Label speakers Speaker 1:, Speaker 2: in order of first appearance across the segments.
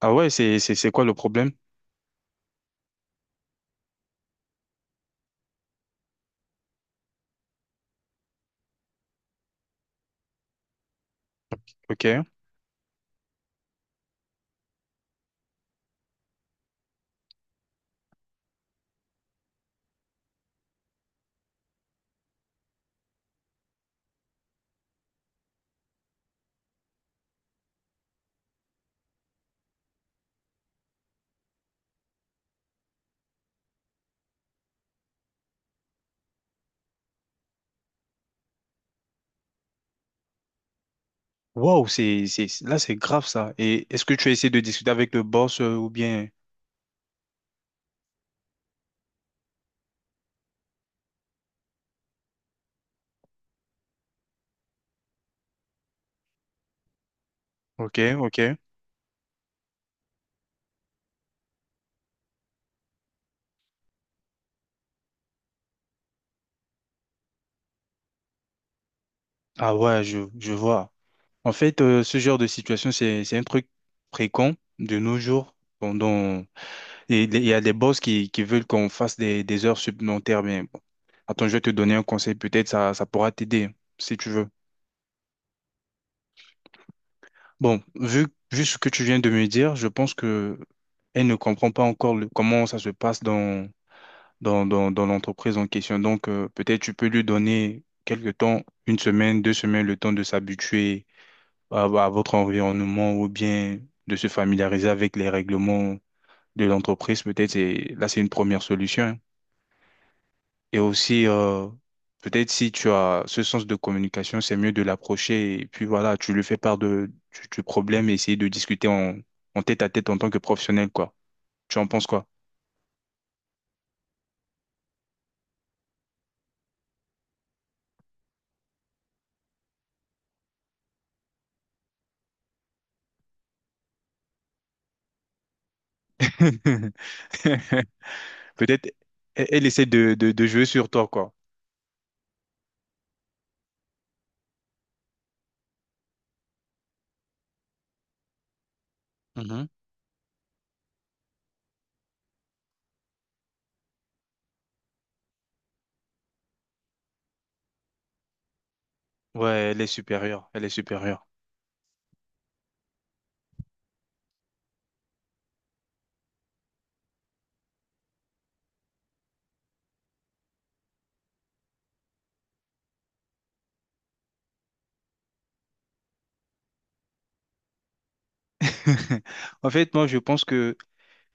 Speaker 1: Ah ouais, c'est quoi le problème? Ok. Waouh, là, c'est grave ça. Et est-ce que tu as essayé de discuter avec le boss ou bien. Ok, ok. Ah ouais, je vois. En fait, ce genre de situation, c'est un truc fréquent de nos jours. Bon, et il y a des boss qui veulent qu'on fasse des heures supplémentaires. Mais bon. Attends, je vais te donner un conseil. Peut-être ça pourra t'aider si tu veux. Bon, vu ce que tu viens de me dire, je pense que elle ne comprend pas encore comment ça se passe dans l'entreprise en question. Donc, peut-être tu peux lui donner quelques temps, 1 semaine, 2 semaines, le temps de s'habituer à votre environnement ou bien de se familiariser avec les règlements de l'entreprise. Peut-être c'est une première solution, hein. Et aussi, peut-être si tu as ce sens de communication, c'est mieux de l'approcher et puis voilà, tu lui fais part du problème et essayer de discuter en tête à tête en tant que professionnel, quoi. Tu en penses quoi? Peut-être elle essaie de jouer sur toi, quoi. Mhm. Ouais, elle est supérieure. Elle est supérieure. En fait, moi, je pense que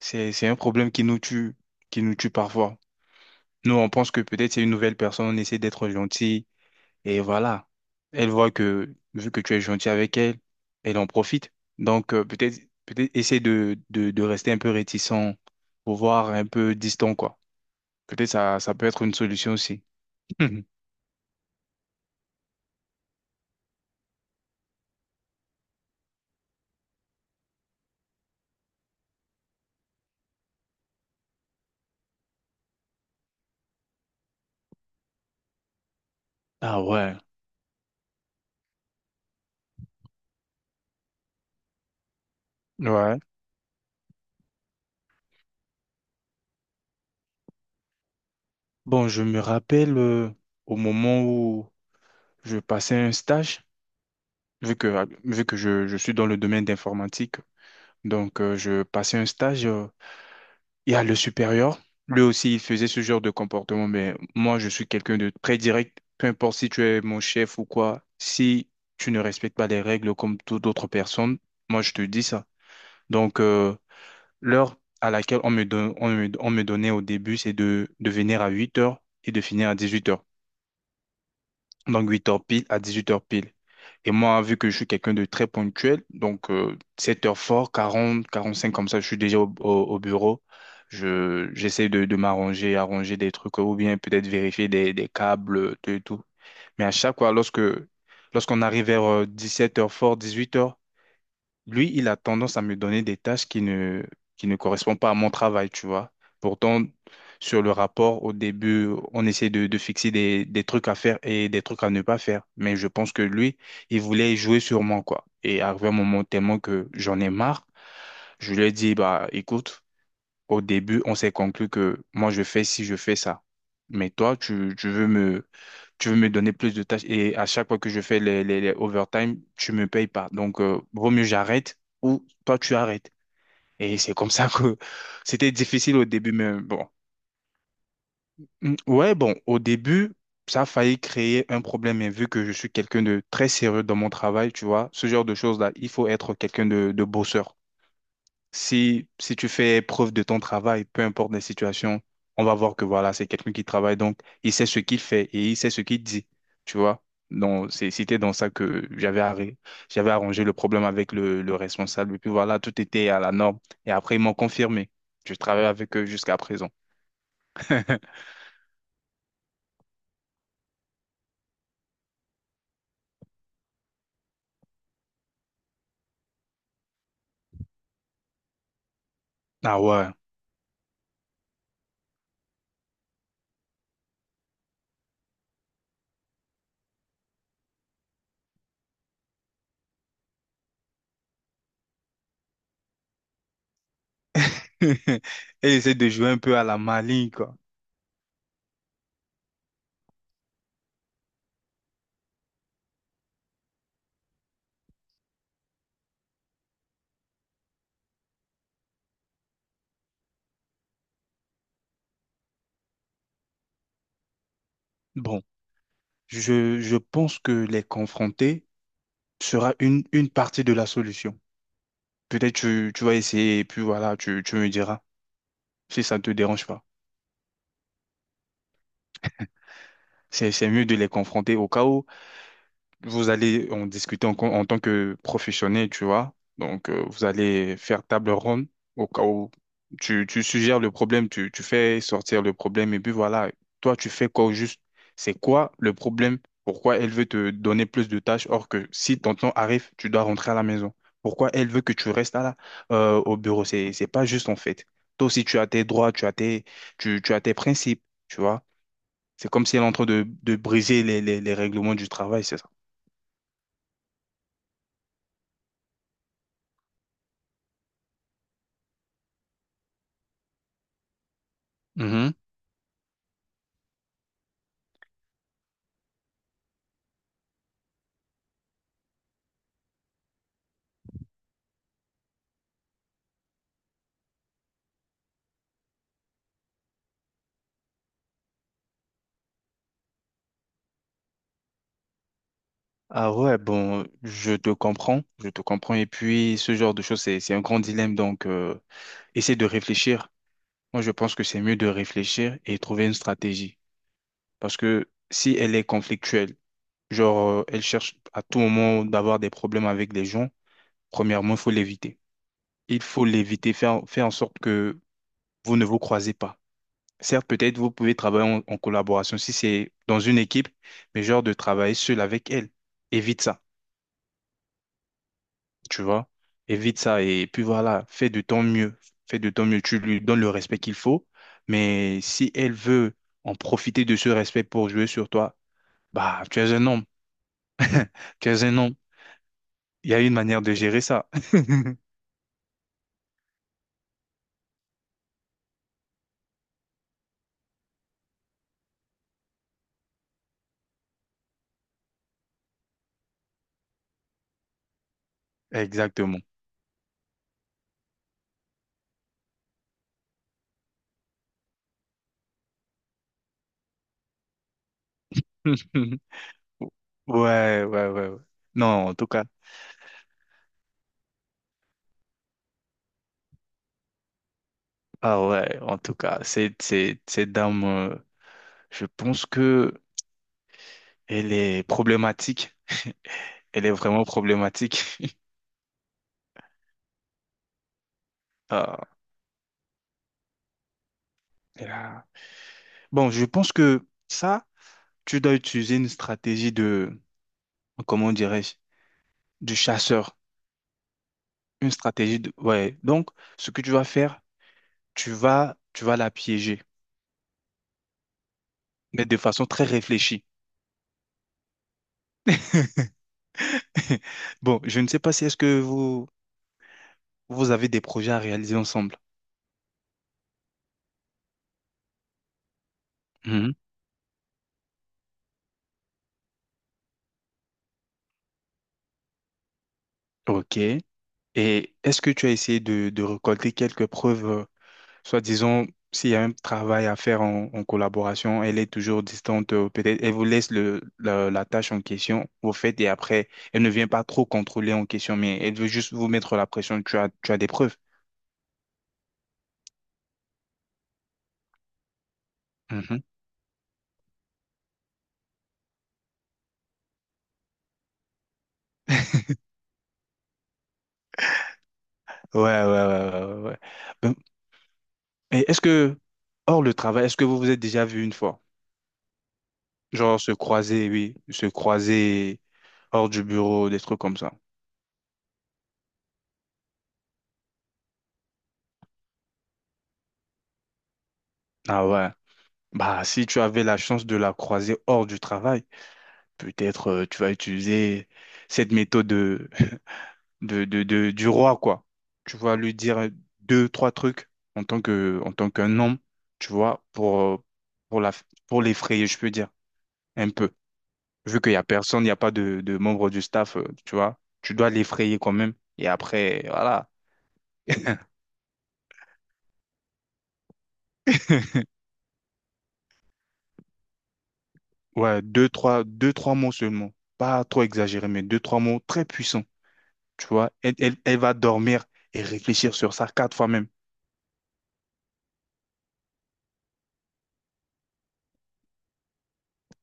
Speaker 1: c'est un problème qui nous tue parfois. Nous, on pense que peut-être c'est une nouvelle personne, on essaie d'être gentil. Et voilà, elle voit que vu que tu es gentil avec elle, elle en profite. Donc peut-être essayer de rester un peu réticent, pour voir un peu distant quoi. Peut-être ça peut être une solution aussi. Ah ouais. Ouais. Bon, je me rappelle au moment où je passais un stage, vu que je suis dans le domaine d'informatique, donc je passais un stage. Il y a le supérieur. Lui aussi, il faisait ce genre de comportement, mais moi, je suis quelqu'un de très direct. Peu importe si tu es mon chef ou quoi, si tu ne respectes pas les règles comme toute autre personne, moi, je te dis ça. Donc, l'heure à laquelle on me donnait au début, c'est de venir à 8 heures et de finir à 18 heures, donc 8 heures pile à 18 heures pile. Et moi, vu que je suis quelqu'un de très ponctuel, donc 7 heures fort, 40 45 comme ça, je suis déjà au bureau. J'essaie de m'arranger, arranger des trucs ou bien peut-être vérifier des câbles, tout et tout. Mais à chaque fois, lorsqu'on arrive vers 17 heures fort, 18 heures, lui, il a tendance à me donner des tâches qui ne correspondent pas à mon travail, tu vois. Pourtant, sur le rapport, au début, on essaie de fixer des trucs à faire et des trucs à ne pas faire. Mais je pense que lui, il voulait jouer sur moi, quoi. Et arrivé un moment tellement que j'en ai marre, je lui ai dit, bah, écoute, au début, on s'est conclu que moi, je fais ci, je fais ça. Mais toi, tu veux me donner plus de tâches et à chaque fois que je fais les overtime, tu me payes pas. Donc, vaut mieux j'arrête ou toi tu arrêtes. Et c'est comme ça que c'était difficile au début, mais bon. Mm, ouais, bon, au début, ça a failli créer un problème, mais vu que je suis quelqu'un de très sérieux dans mon travail, tu vois, ce genre de choses-là, il faut être quelqu'un de bosseur. Si tu fais preuve de ton travail, peu importe les situations, on va voir que voilà, c'est quelqu'un qui travaille, donc il sait ce qu'il fait et il sait ce qu'il dit, tu vois. Donc, c'était dans ça que j'avais arrangé le problème avec le responsable. Et puis voilà, tout était à la norme. Et après, ils m'ont confirmé. Je travaille avec eux jusqu'à présent. Ah ouais. Elle essaie de jouer un peu à la maligne, quoi. Bon, je pense que les confronter sera une partie de la solution. Peut-être tu vas essayer et puis voilà, tu me diras si ça ne te dérange pas. C'est mieux de les confronter au cas où vous allez en discuter en tant que professionnel, tu vois. Donc, vous allez faire table ronde au cas où tu suggères le problème, tu fais sortir le problème, et puis voilà, toi, tu fais quoi au juste? C'est quoi le problème? Pourquoi elle veut te donner plus de tâches, or que si ton temps arrive, tu dois rentrer à la maison? Pourquoi elle veut que tu restes là, au bureau? C'est pas juste en fait. Toi aussi, tu as tes droits, tu as tes principes, tu vois. C'est comme si elle est en train de briser les règlements du travail, c'est ça. Mhm. Ah ouais, bon, je te comprends, je te comprends. Et puis, ce genre de choses, c'est un grand dilemme. Donc, essaie de réfléchir. Moi, je pense que c'est mieux de réfléchir et trouver une stratégie. Parce que si elle est conflictuelle, genre, elle cherche à tout moment d'avoir des problèmes avec les gens, premièrement, il faut l'éviter. Il faut l'éviter, faire en sorte que vous ne vous croisez pas. Certes, peut-être vous pouvez travailler en collaboration si c'est dans une équipe, mais genre de travailler seul avec elle. Évite ça, tu vois. Évite ça et puis voilà, fais de ton mieux. Fais de ton mieux, tu lui donnes le respect qu'il faut, mais si elle veut en profiter de ce respect pour jouer sur toi, bah, tu es un homme, tu es un homme. Il y a une manière de gérer ça. Exactement. Ouais, ouais, ouais, ouais. Non, en tout cas, cette dame. Je pense que elle est problématique. Elle est vraiment problématique. Ah, elle a- bon, je pense que ça, tu dois utiliser une stratégie comment dirais-je, du chasseur. Une stratégie de, ouais. Donc, ce que tu vas faire, tu vas la piéger, mais de façon très réfléchie. Bon, je ne sais pas si est-ce que vous avez des projets à réaliser ensemble. Mhm. Ok. Et est-ce que tu as essayé de récolter quelques preuves? Soit disons, s'il y a un travail à faire en collaboration, elle est toujours distante, peut-être elle vous laisse la tâche en question, vous faites et après, elle ne vient pas trop contrôler en question, mais elle veut juste vous mettre la pression, tu as des preuves. Mhm. Ouais, ouais, ouais, ouais, ouais, ouais. Ben, et est-ce que, hors le travail, est-ce que vous vous êtes déjà vu une fois? Genre se croiser, oui, se croiser hors du bureau, des trucs comme ça. Ah ouais. Bah, si tu avais la chance de la croiser hors du travail, peut-être tu vas utiliser cette méthode du roi, quoi. Tu vas lui dire deux, trois trucs en tant qu'un homme, tu vois, pour la, pour l'effrayer, je peux dire, un peu. Vu qu'il n'y a personne, il n'y a pas de membre du staff, tu vois, tu dois l'effrayer quand même. Et après, voilà. Ouais, deux, trois mots seulement. Pas trop exagéré, mais deux, trois mots très puissants. Tu vois, elle va dormir et réfléchir sur ça quatre fois même.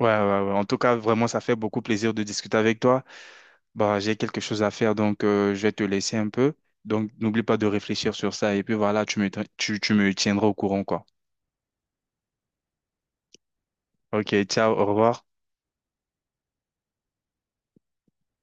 Speaker 1: Ouais, ouais, ouais. En tout cas, vraiment, ça fait beaucoup plaisir de discuter avec toi. Bah, j'ai quelque chose à faire, donc je vais te laisser un peu. Donc, n'oublie pas de réfléchir sur ça. Et puis voilà, tu me tiendras au courant, quoi. Ok, ciao, au revoir.